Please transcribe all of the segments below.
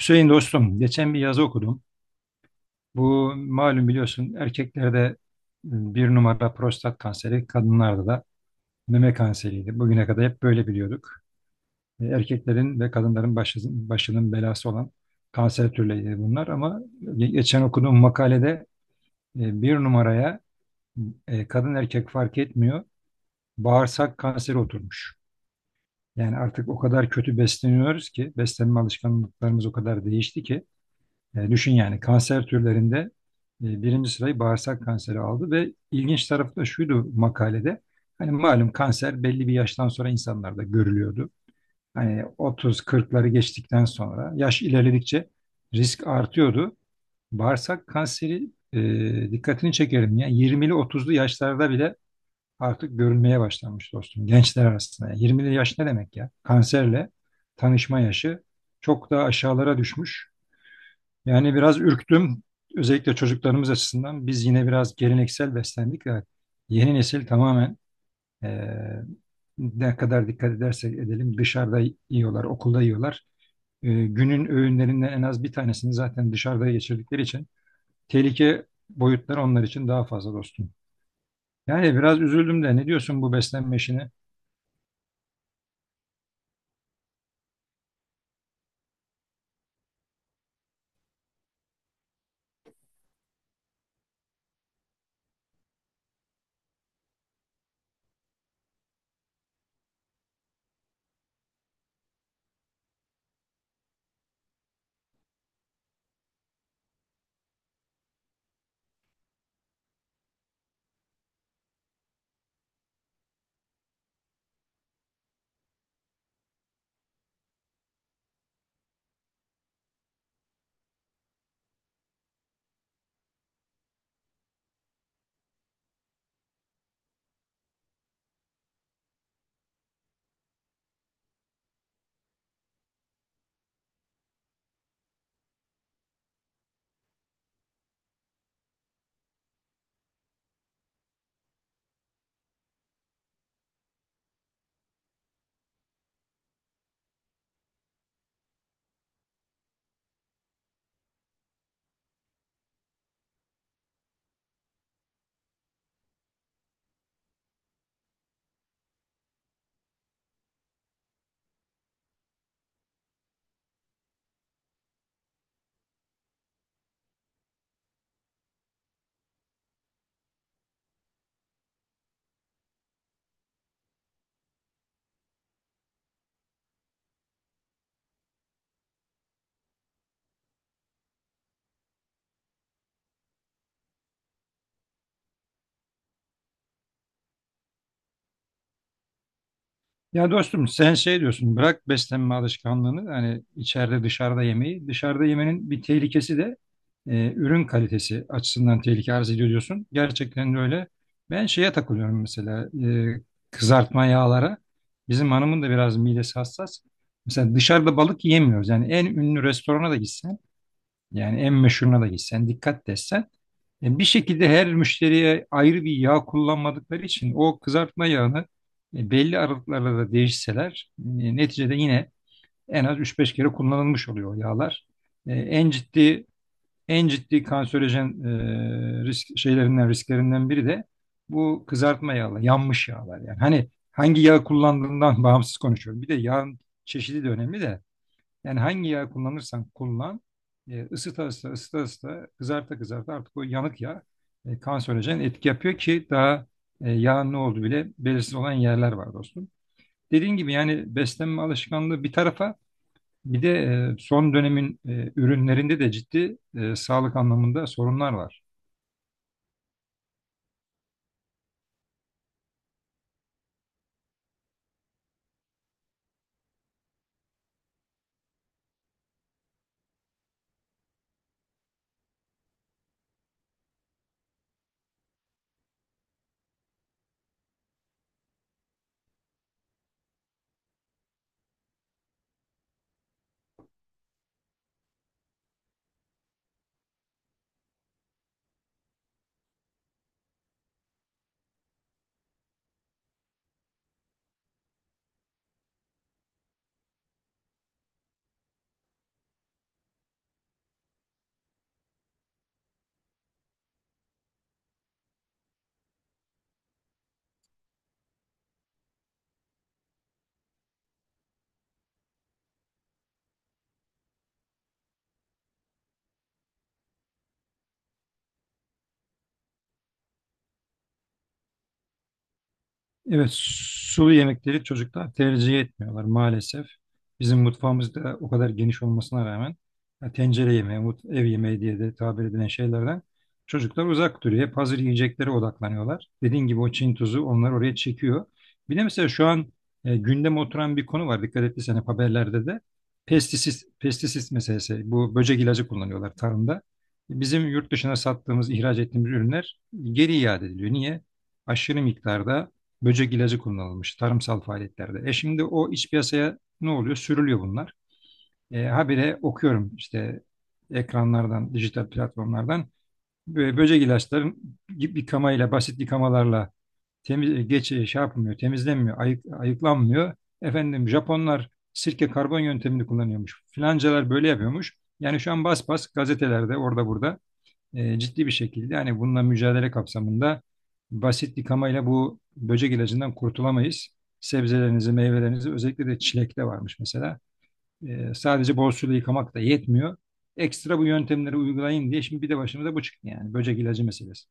Hüseyin dostum, geçen bir yazı okudum. Bu malum biliyorsun, erkeklerde bir numara prostat kanseri, kadınlarda da meme kanseriydi. Bugüne kadar hep böyle biliyorduk. Erkeklerin ve kadınların başının belası olan kanser türleri bunlar, ama geçen okuduğum makalede bir numaraya kadın erkek fark etmiyor, bağırsak kanseri oturmuş. Yani artık o kadar kötü besleniyoruz ki, beslenme alışkanlıklarımız o kadar değişti ki. Düşün yani, kanser türlerinde birinci sırayı bağırsak kanseri aldı. Ve ilginç tarafı da şuydu makalede: hani malum, kanser belli bir yaştan sonra insanlarda görülüyordu. Hani 30-40'ları geçtikten sonra yaş ilerledikçe risk artıyordu. Bağırsak kanseri, dikkatini çekerim, ya 20'li 30'lu yaşlarda bile artık görülmeye başlanmış dostum, gençler arasında. Yani 20'li yaş ne demek ya? Kanserle tanışma yaşı çok daha aşağılara düşmüş. Yani biraz ürktüm. Özellikle çocuklarımız açısından. Biz yine biraz geleneksel beslendik, ve yeni nesil tamamen, eee, ne kadar dikkat edersek edelim, dışarıda yiyorlar, okulda yiyorlar. Günün öğünlerinden en az bir tanesini zaten dışarıda geçirdikleri için tehlike boyutları onlar için daha fazla dostum. Yani biraz üzüldüm de, ne diyorsun bu beslenme işine? Ya dostum, sen şey diyorsun, bırak beslenme alışkanlığını, hani içeride dışarıda yemeği. Dışarıda yemenin bir tehlikesi de ürün kalitesi açısından tehlike arz ediyor diyorsun. Gerçekten de öyle. Ben şeye takılıyorum mesela, e, kızartma yağlara. Bizim hanımın da biraz midesi hassas. Mesela dışarıda balık yemiyoruz. Yani en ünlü restorana da gitsen, yani en meşhuruna da gitsen, dikkat desen, bir şekilde her müşteriye ayrı bir yağ kullanmadıkları için o kızartma yağını belli aralıklarla da değişseler neticede yine en az üç beş kere kullanılmış oluyor o yağlar. En ciddi en ciddi kanserojen risklerinden biri de bu kızartma yağlar, yanmış yağlar yani. Hani hangi yağ kullandığından bağımsız konuşuyorum. Bir de yağın çeşidi de önemli de, yani hangi yağ kullanırsan kullan, ısıta ısıta ısıta ısıta kızarta kızarta artık o yanık yağ kanserojen etki yapıyor. Ki daha yağın ne olduğu bile belirsiz olan yerler var dostum. Dediğin gibi, yani beslenme alışkanlığı bir tarafa, bir de son dönemin ürünlerinde de ciddi, sağlık anlamında sorunlar var. Evet, sulu yemekleri çocuklar tercih etmiyorlar maalesef. Bizim mutfağımız da o kadar geniş olmasına rağmen ya tencere yemeği, ev yemeği diye de tabir edilen şeylerden çocuklar uzak duruyor. Hep hazır yiyeceklere odaklanıyorlar. Dediğin gibi o Çin tuzu onları oraya çekiyor. Bir de mesela şu an gündeme oturan bir konu var. Dikkat ettiysen hep haberlerde de pestisit, pestisit meselesi. Bu böcek ilacı kullanıyorlar tarımda. Bizim yurt dışına sattığımız, ihraç ettiğimiz ürünler geri iade ediliyor. Niye? Aşırı miktarda böcek ilacı kullanılmış tarımsal faaliyetlerde. E şimdi o iç piyasaya ne oluyor? Sürülüyor bunlar. Habire okuyorum işte ekranlardan, dijital platformlardan, böcek ilaçların, yıkamayla, basit yıkamalarla temiz, e, geç e, şey yapmıyor, temizlenmiyor, ayıklanmıyor. Efendim Japonlar sirke karbon yöntemini kullanıyormuş. Filancalar böyle yapıyormuş. Yani şu an bas bas gazetelerde, orada burada ciddi bir şekilde, hani bununla mücadele kapsamında, basit yıkamayla bu böcek ilacından kurtulamayız. Sebzelerinizi, meyvelerinizi, özellikle de çilekte varmış mesela. Sadece bol suyla yıkamak da yetmiyor. Ekstra bu yöntemleri uygulayın diye şimdi bir de başımıza bu çıktı yani, böcek ilacı meselesi.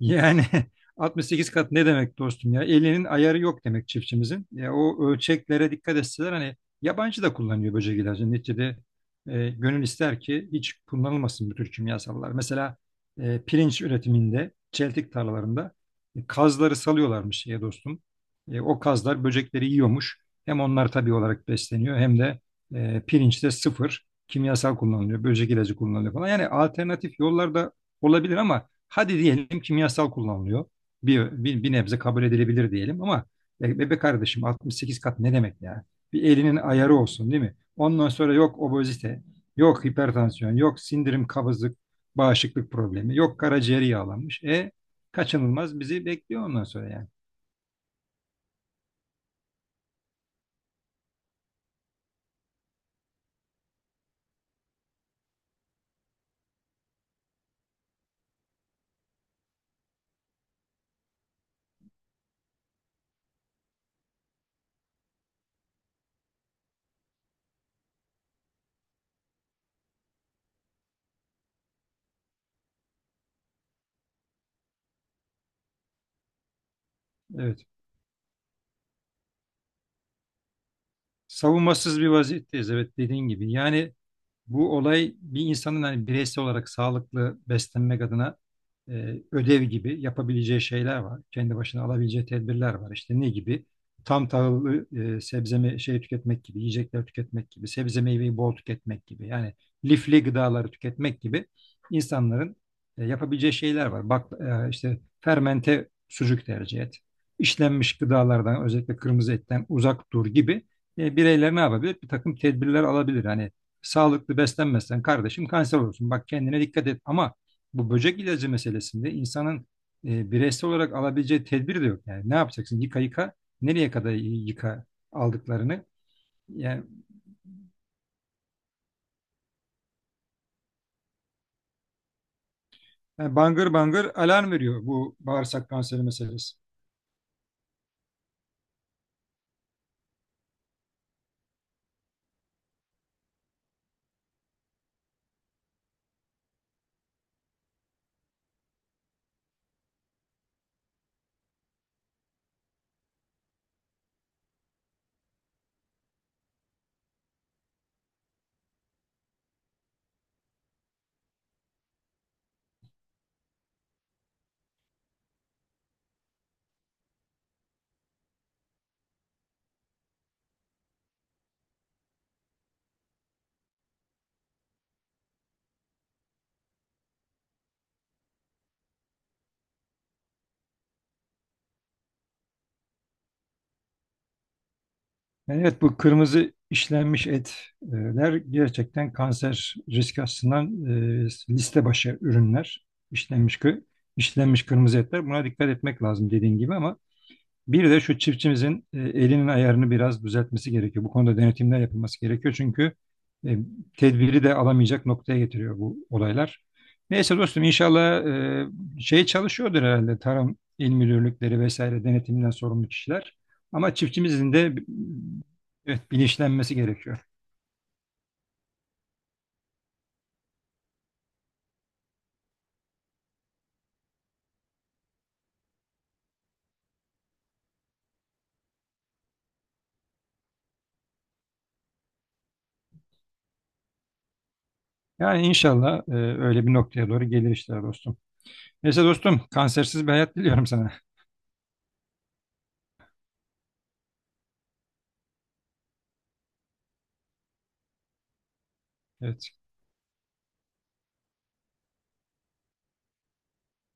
Yani 68 kat ne demek dostum ya? Elinin ayarı yok demek çiftçimizin. Ya o ölçeklere dikkat etseler, hani yabancı da kullanıyor böcek ilacı. Neticede gönül ister ki hiç kullanılmasın bu tür kimyasallar. Mesela pirinç üretiminde, çeltik tarlalarında kazları salıyorlarmış ya dostum. O kazlar böcekleri yiyormuş. Hem onlar tabii olarak besleniyor, hem de pirinçte sıfır kimyasal kullanılıyor. Böcek ilacı kullanılıyor falan. Yani alternatif yollar da olabilir, ama hadi diyelim kimyasal kullanılıyor. Bir nebze kabul edilebilir diyelim, ama bebe kardeşim, 68 kat ne demek ya? Bir elinin ayarı olsun değil mi? Ondan sonra yok obezite, yok hipertansiyon, yok sindirim, kabızlık, bağışıklık problemi, yok karaciğeri yağlanmış. E kaçınılmaz bizi bekliyor ondan sonra yani. Evet. Savunmasız bir vaziyetteyiz, evet, dediğin gibi. Yani bu olay, bir insanın hani bireysel olarak sağlıklı beslenmek adına ödev gibi yapabileceği şeyler var. Kendi başına alabileceği tedbirler var. İşte ne gibi? Tam tahıllı e, sebze me- şey tüketmek gibi, yiyecekler tüketmek gibi, sebze meyveyi bol tüketmek gibi. Yani lifli gıdaları tüketmek gibi, insanların yapabileceği şeyler var. Bak, işte fermente sucuk tercih et. İşlenmiş gıdalardan, özellikle kırmızı etten uzak dur gibi, bireyler ne yapabilir? Bir takım tedbirler alabilir. Hani sağlıklı beslenmezsen kardeşim kanser olursun. Bak kendine dikkat et. Ama bu böcek ilacı meselesinde insanın bireysel olarak alabileceği tedbir de yok. Yani ne yapacaksın? Yıka yıka, nereye kadar yıka aldıklarını. Yani, yani bangır bangır alarm veriyor bu bağırsak kanseri meselesi. Yani evet, bu kırmızı işlenmiş etler gerçekten kanser riski açısından e, liste başı ürünler. İşlenmiş, işlenmiş kırmızı etler. Buna dikkat etmek lazım, dediğin gibi. Ama bir de şu çiftçimizin elinin ayarını biraz düzeltmesi gerekiyor. Bu konuda denetimler yapılması gerekiyor. Çünkü e, tedbiri de alamayacak noktaya getiriyor bu olaylar. Neyse dostum, inşallah şey çalışıyordur herhalde, tarım il müdürlükleri vesaire, denetimden sorumlu kişiler. Ama çiftçimizin de evet, bilinçlenmesi gerekiyor. Yani inşallah öyle bir noktaya doğru gelir işler dostum. Neyse dostum, kansersiz bir hayat diliyorum sana. Evet.